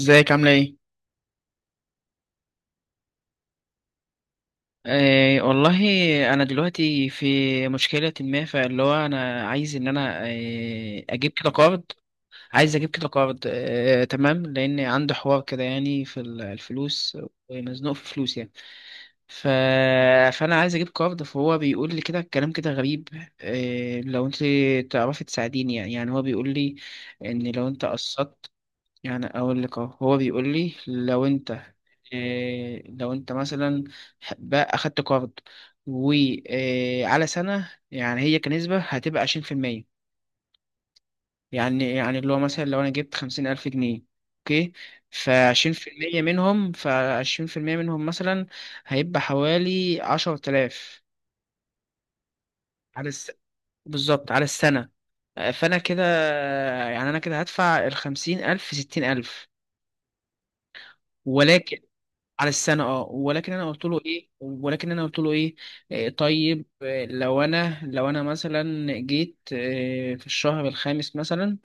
ازيك عاملة ايه؟ آه والله. انا دلوقتي في مشكلة، ما فاللي هو انا عايز ان انا اجيب كده قرض. عايز اجيب كده قرض. تمام، لان عندي حوار كده يعني في الفلوس. ومزنوق في فلوس يعني. ف... فانا عايز اجيب قرض، فهو بيقول لي كده كلام كده غريب. لو انت تعرفي تساعديني. يعني يعني هو بيقول لي ان لو انت قسطت. يعني اقول لك اهو، هو بيقول لي لو انت، لو انت مثلا بقى اخدت قرض وعلى سنة، يعني هي كنسبة هتبقى 20%. يعني يعني اللي هو مثلا لو انا جبت 50,000 جنيه. اوكي. فعشرين في المية منهم، مثلا هيبقى حوالي 10,000. على الس... بالظبط على السنة. فأنا كده، يعني أنا كده هدفع الخمسين ألف في ستين ألف، ولكن على السنة. اه ولكن انا قلت له ايه. طيب لو انا مثلا جيت، في الشهر الخامس مثلا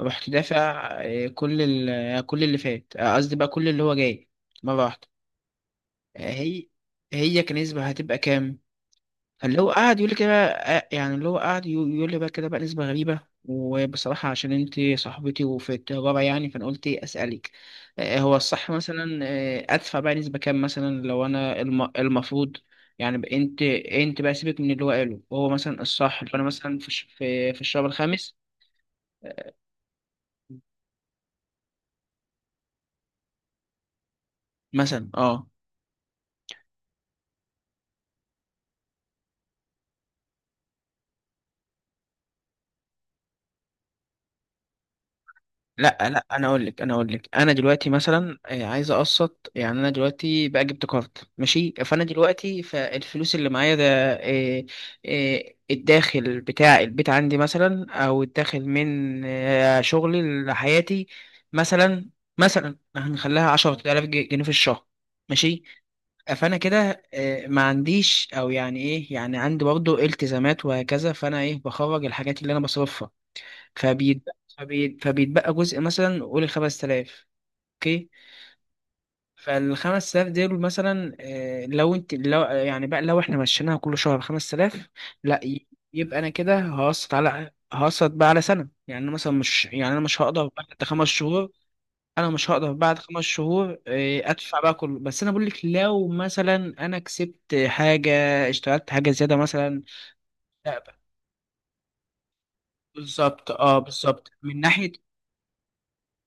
رحت دافع، كل كل اللي فات. قصدي بقى كل اللي هو جاي مرة واحدة. آه، هي هي كنسبة هتبقى كام؟ اللي هو قعد يقول لي كده. يعني اللي هو قعد يقول لي بقى كده بقى نسبة غريبة. وبصراحة عشان انت صاحبتي وفي التجارة يعني، فانا قلت ايه اسألك. هو الصح مثلا ادفع بقى نسبة كام؟ مثلا لو انا المفروض. يعني بقى انت بقى سيبك من اللي هو قاله، وهو مثلا الصح لو انا مثلا في في الشهر الخامس مثلا. اه. لا لا، انا اقول لك، انا دلوقتي مثلا عايز اقسط. يعني انا دلوقتي بقى جبت كارد ماشي، فانا دلوقتي فالفلوس اللي معايا ده. آه، الداخل بتاع البيت عندي مثلا، او الداخل من شغلي لحياتي. مثلا مثلا هنخليها 10000 جنيه في الشهر. ماشي. فانا كده ما عنديش، او يعني ايه، يعني عندي برضو التزامات وهكذا. فانا ايه بخرج الحاجات اللي انا بصرفها. فبيتبقى جزء مثلا، قول 5,000. اوكي. فالخمس تلاف دول مثلا. لو يعني بقى لو احنا مشيناها كل شهر 5,000. لا، يبقى انا كده هقسط بقى على سنة. يعني أنا مثلا مش، يعني انا مش هقدر بعد خمس شهور. انا مش هقدر بعد خمس شهور ادفع بقى كله. بس انا بقول لك لو مثلا انا كسبت حاجة، اشتغلت حاجة زيادة مثلا. لا بقى. بالظبط، بالظبط من ناحية.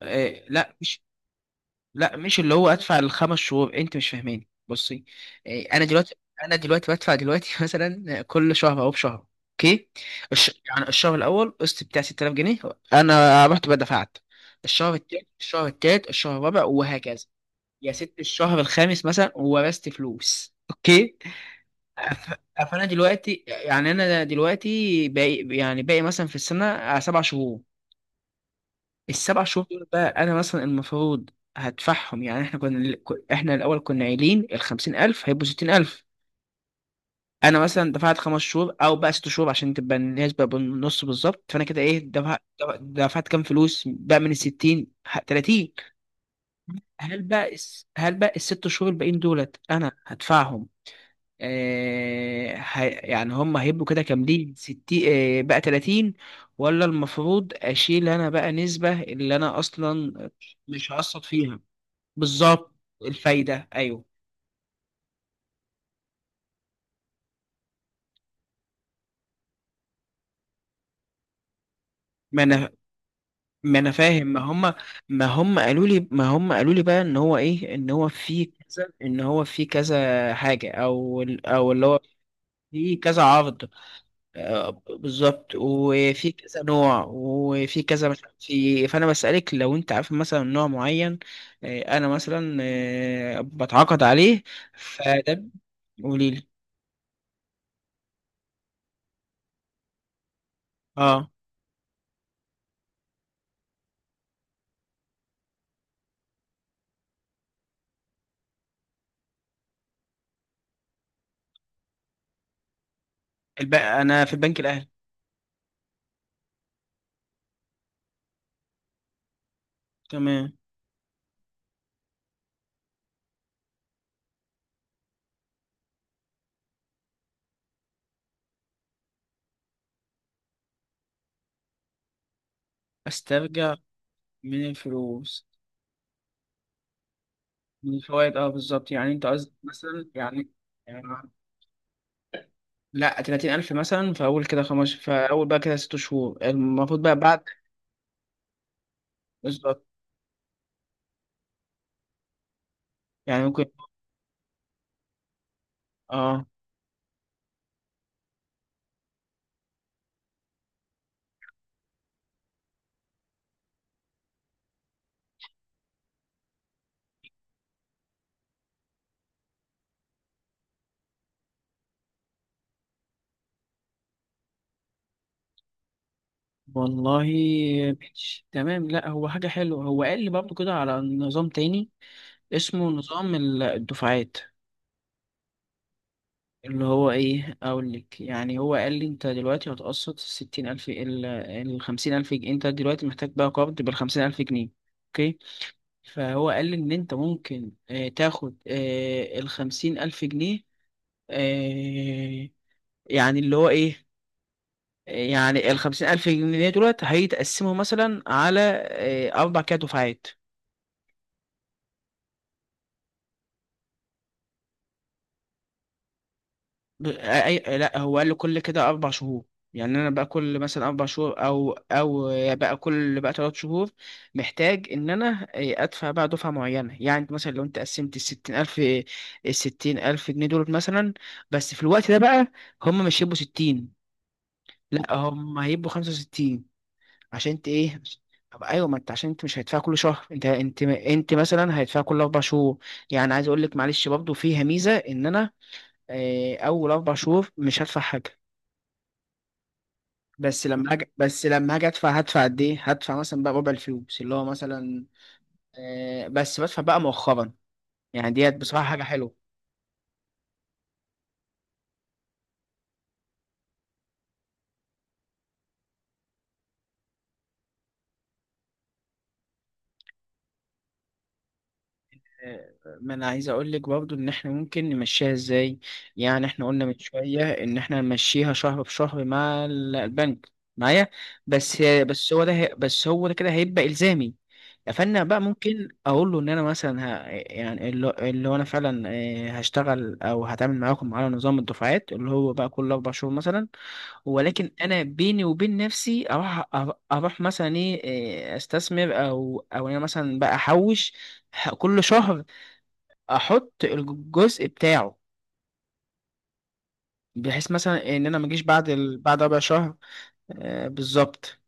لا لا، مش اللي هو ادفع الخمس شهور، انت مش فاهماني. بصي. انا دلوقتي، بدفع دلوقتي مثلا كل شهر او بشهر. اوكي. يعني الشهر الاول قسط بتاع 6,000 جنيه. انا رحت بدفعت الشهر التاني، الشهر التالت، الشهر الرابع وهكذا. يا ست، الشهر الخامس مثلا ورثت فلوس. اوكي. فانا دلوقتي، يعني انا دلوقتي باقي، يعني باقي مثلا في السنه سبع شهور. السبع شهور دول بقى انا مثلا المفروض هدفعهم. يعني احنا الاول كنا قايلين ال 50,000 هيبقوا 60,000. انا مثلا دفعت خمس شهور او بقى ست شهور عشان تبقى النسبه بالنص بالظبط. فانا كده ايه دفعت، دفعت كام فلوس بقى من ال 60، 30؟ هل بقى الست شهور الباقيين دولت انا هدفعهم؟ يعني هم هيبقوا كده كاملين 60، بقى 30؟ ولا المفروض اشيل انا بقى نسبة اللي انا اصلا مش هقسط فيها؟ بالظبط. الفايدة ايوه. ما انا ما انا فاهم. ما هم قالوا لي، بقى ان هو ايه، ان هو في كذا، حاجة، او او اللي هو في كذا عرض. بالظبط، وفي كذا نوع، وفي كذا مش عارف في. فانا بسألك لو انت عارف مثلا نوع معين. انا مثلا بتعاقد عليه. فده، قولي لي. اه. انا في البنك الاهلي. تمام. استرجع من الفلوس، من الفوائد. اه بالظبط. يعني انت قصدك مثلا، يعني يعني لا، 30,000 مثلا في اول كده خمس، في اول بقى كده ست شهور المفروض بقى بعد. بالظبط يعني ممكن. اه والله ماشي تمام. لا هو حاجة حلوة، هو قال لي برضه كده على نظام تاني، اسمه نظام الدفعات. اللي هو ايه، اقول لك. يعني هو قال لي انت دلوقتي هتقسط الستين الف، خمسين الف جنيه. انت دلوقتي محتاج بقى قرض بالخمسين الف جنيه. اوكي. فهو قال لي ان انت ممكن تاخد الخمسين الف جنيه. آه، يعني اللي هو ايه، يعني الخمسين ألف جنيه دلوقتي هيتقسموا مثلا على أربع كده دفعات. لا، هو قال له كل كده اربع شهور. يعني انا بقى كل مثلا اربع شهور او او بقى كل بقى ثلاث شهور محتاج ان انا ادفع بقى دفعه معينه. يعني أنت مثلا لو انت قسمت الستين الف، الستين الف جنيه دول مثلا، بس في الوقت ده بقى هم مش هيبقوا ستين، لا هم هيبقوا 65,000. عشان انت ايه؟ طب ايوه، ما انت عشان انت مش هيدفع كل شهر، انت مثلا هيدفع كل اربع شهور. يعني عايز اقول لك، معلش برضه فيها ميزه ان انا اول اربع شهور مش هدفع حاجه. بس لما هاجي ادفع، هدفع قد ايه؟ هدفع مثلا بقى ربع الفلوس اللي هو مثلا، بس بدفع بقى مؤخرا. يعني ديت بصراحة حاجة حلوة. آه، ما انا عايز اقول لك برضو ان احنا ممكن نمشيها ازاي. يعني احنا قلنا من شوية ان احنا نمشيها شهر بشهر مع البنك معايا. بس هو ده كده هيبقى الزامي. فانا بقى ممكن اقول له ان انا مثلا، يعني اللي هو انا فعلا هشتغل او هتعامل معاكم على نظام الدفعات، اللي هو بقى كل اربع شهور مثلا. ولكن انا بيني وبين نفسي اروح، اروح مثلا ايه، استثمر، او او انا مثلا بقى احوش كل شهر، احط الجزء بتاعه. بحيث مثلا ان انا ما اجيش بعد بعد ربع شهر. بالظبط،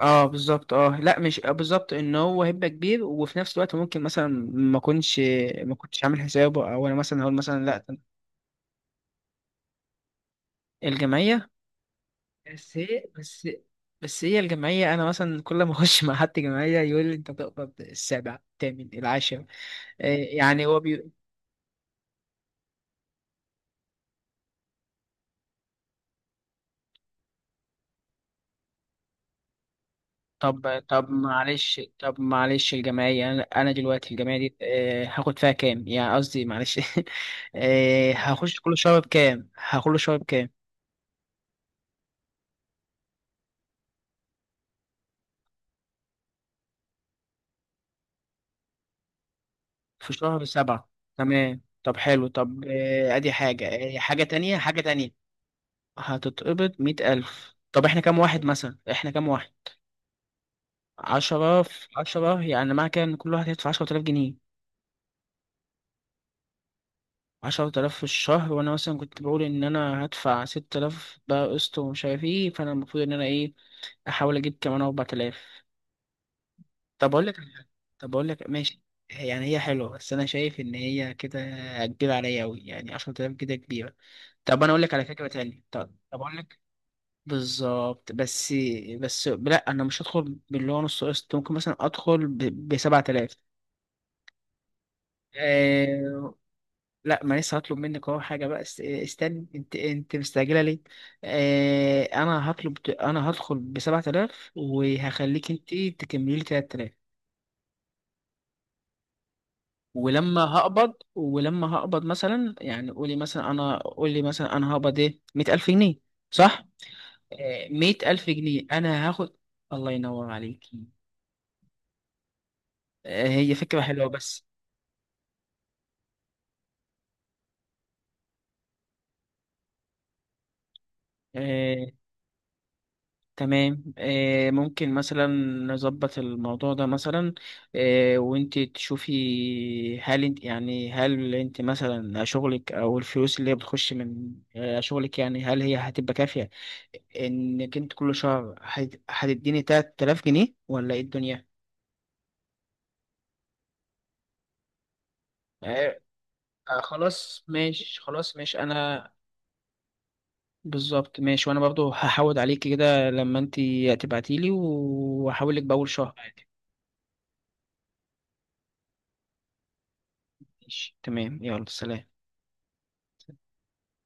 اه بالظبط. اه لا مش، بالظبط ان هو هيبقى كبير، وفي نفس الوقت ممكن مثلا ما اكونش ما كنتش عامل حسابه. او انا مثلا هقول مثلا لا. الجمعيه. بس هي بس بس هي الجمعية، أنا مثلا كل ما أخش مع حد جمعية يقول لي أنت بتقبض السابع الثامن العاشر. يعني هو طب طب معلش، الجمعية، أنا أنا دلوقتي الجمعية دي هاخد فيها كام؟ يعني قصدي، معلش هخش كل شهر بكام؟ هكل شهر بكام؟ في شهر سبعة. تمام، طب حلو. طب أدي حاجة، حاجة تانية، هتتقبض 100,000. طب إحنا كام واحد مثلا؟ إحنا كام واحد؟ عشرة في عشرة، يعني معنى كده إن كل واحد هيدفع 10,000 جنيه. عشرة آلاف في الشهر، وأنا مثلا كنت بقول إن أنا هدفع 6,000 بقى قسط، ومش عارف إيه. فأنا المفروض إن أنا إيه، أحاول أجيب كمان 4,000. طب أقول لك على حاجة. طب أقول لك ماشي، يعني هي حلوة بس أنا شايف إن هي كده كبيرة عليا أوي. يعني 10,000 كده كبيرة. طب أنا أقول لك على فكرة تانية. طب طب أقول لك. بالظبط، بس بس لا أنا مش هدخل باللي هو نص قسط. ممكن مثلا أدخل ب 7,000. لا، ما لسه هطلب منك اهو حاجه بقى، استني، انت مستعجله ليه؟ انا هدخل ب 7,000 وهخليك انت تكملي لي 3,000. ولما هقبض مثلا، يعني قولي مثلا انا، هقبض ايه، 100,000 جنيه. صح. 100,000 جنيه انا هاخد. الله ينور عليكي. هي فكره حلوه بس. آه، تمام ممكن مثلا نظبط الموضوع ده مثلا. وانت تشوفي، هل انت مثلا شغلك، او الفلوس اللي هي بتخش من شغلك، يعني هل هي هتبقى كافية، انك انت كل شهر هتديني 3,000 جنيه؟ ولا ايه الدنيا؟ آه، خلاص ماشي، خلاص ماشي، انا بالظبط ماشي. وانا برضو هحاول عليكي كده لما انت تبعتيلي، وهحاولك باول شهر عادي. ماشي تمام، يلا سلام.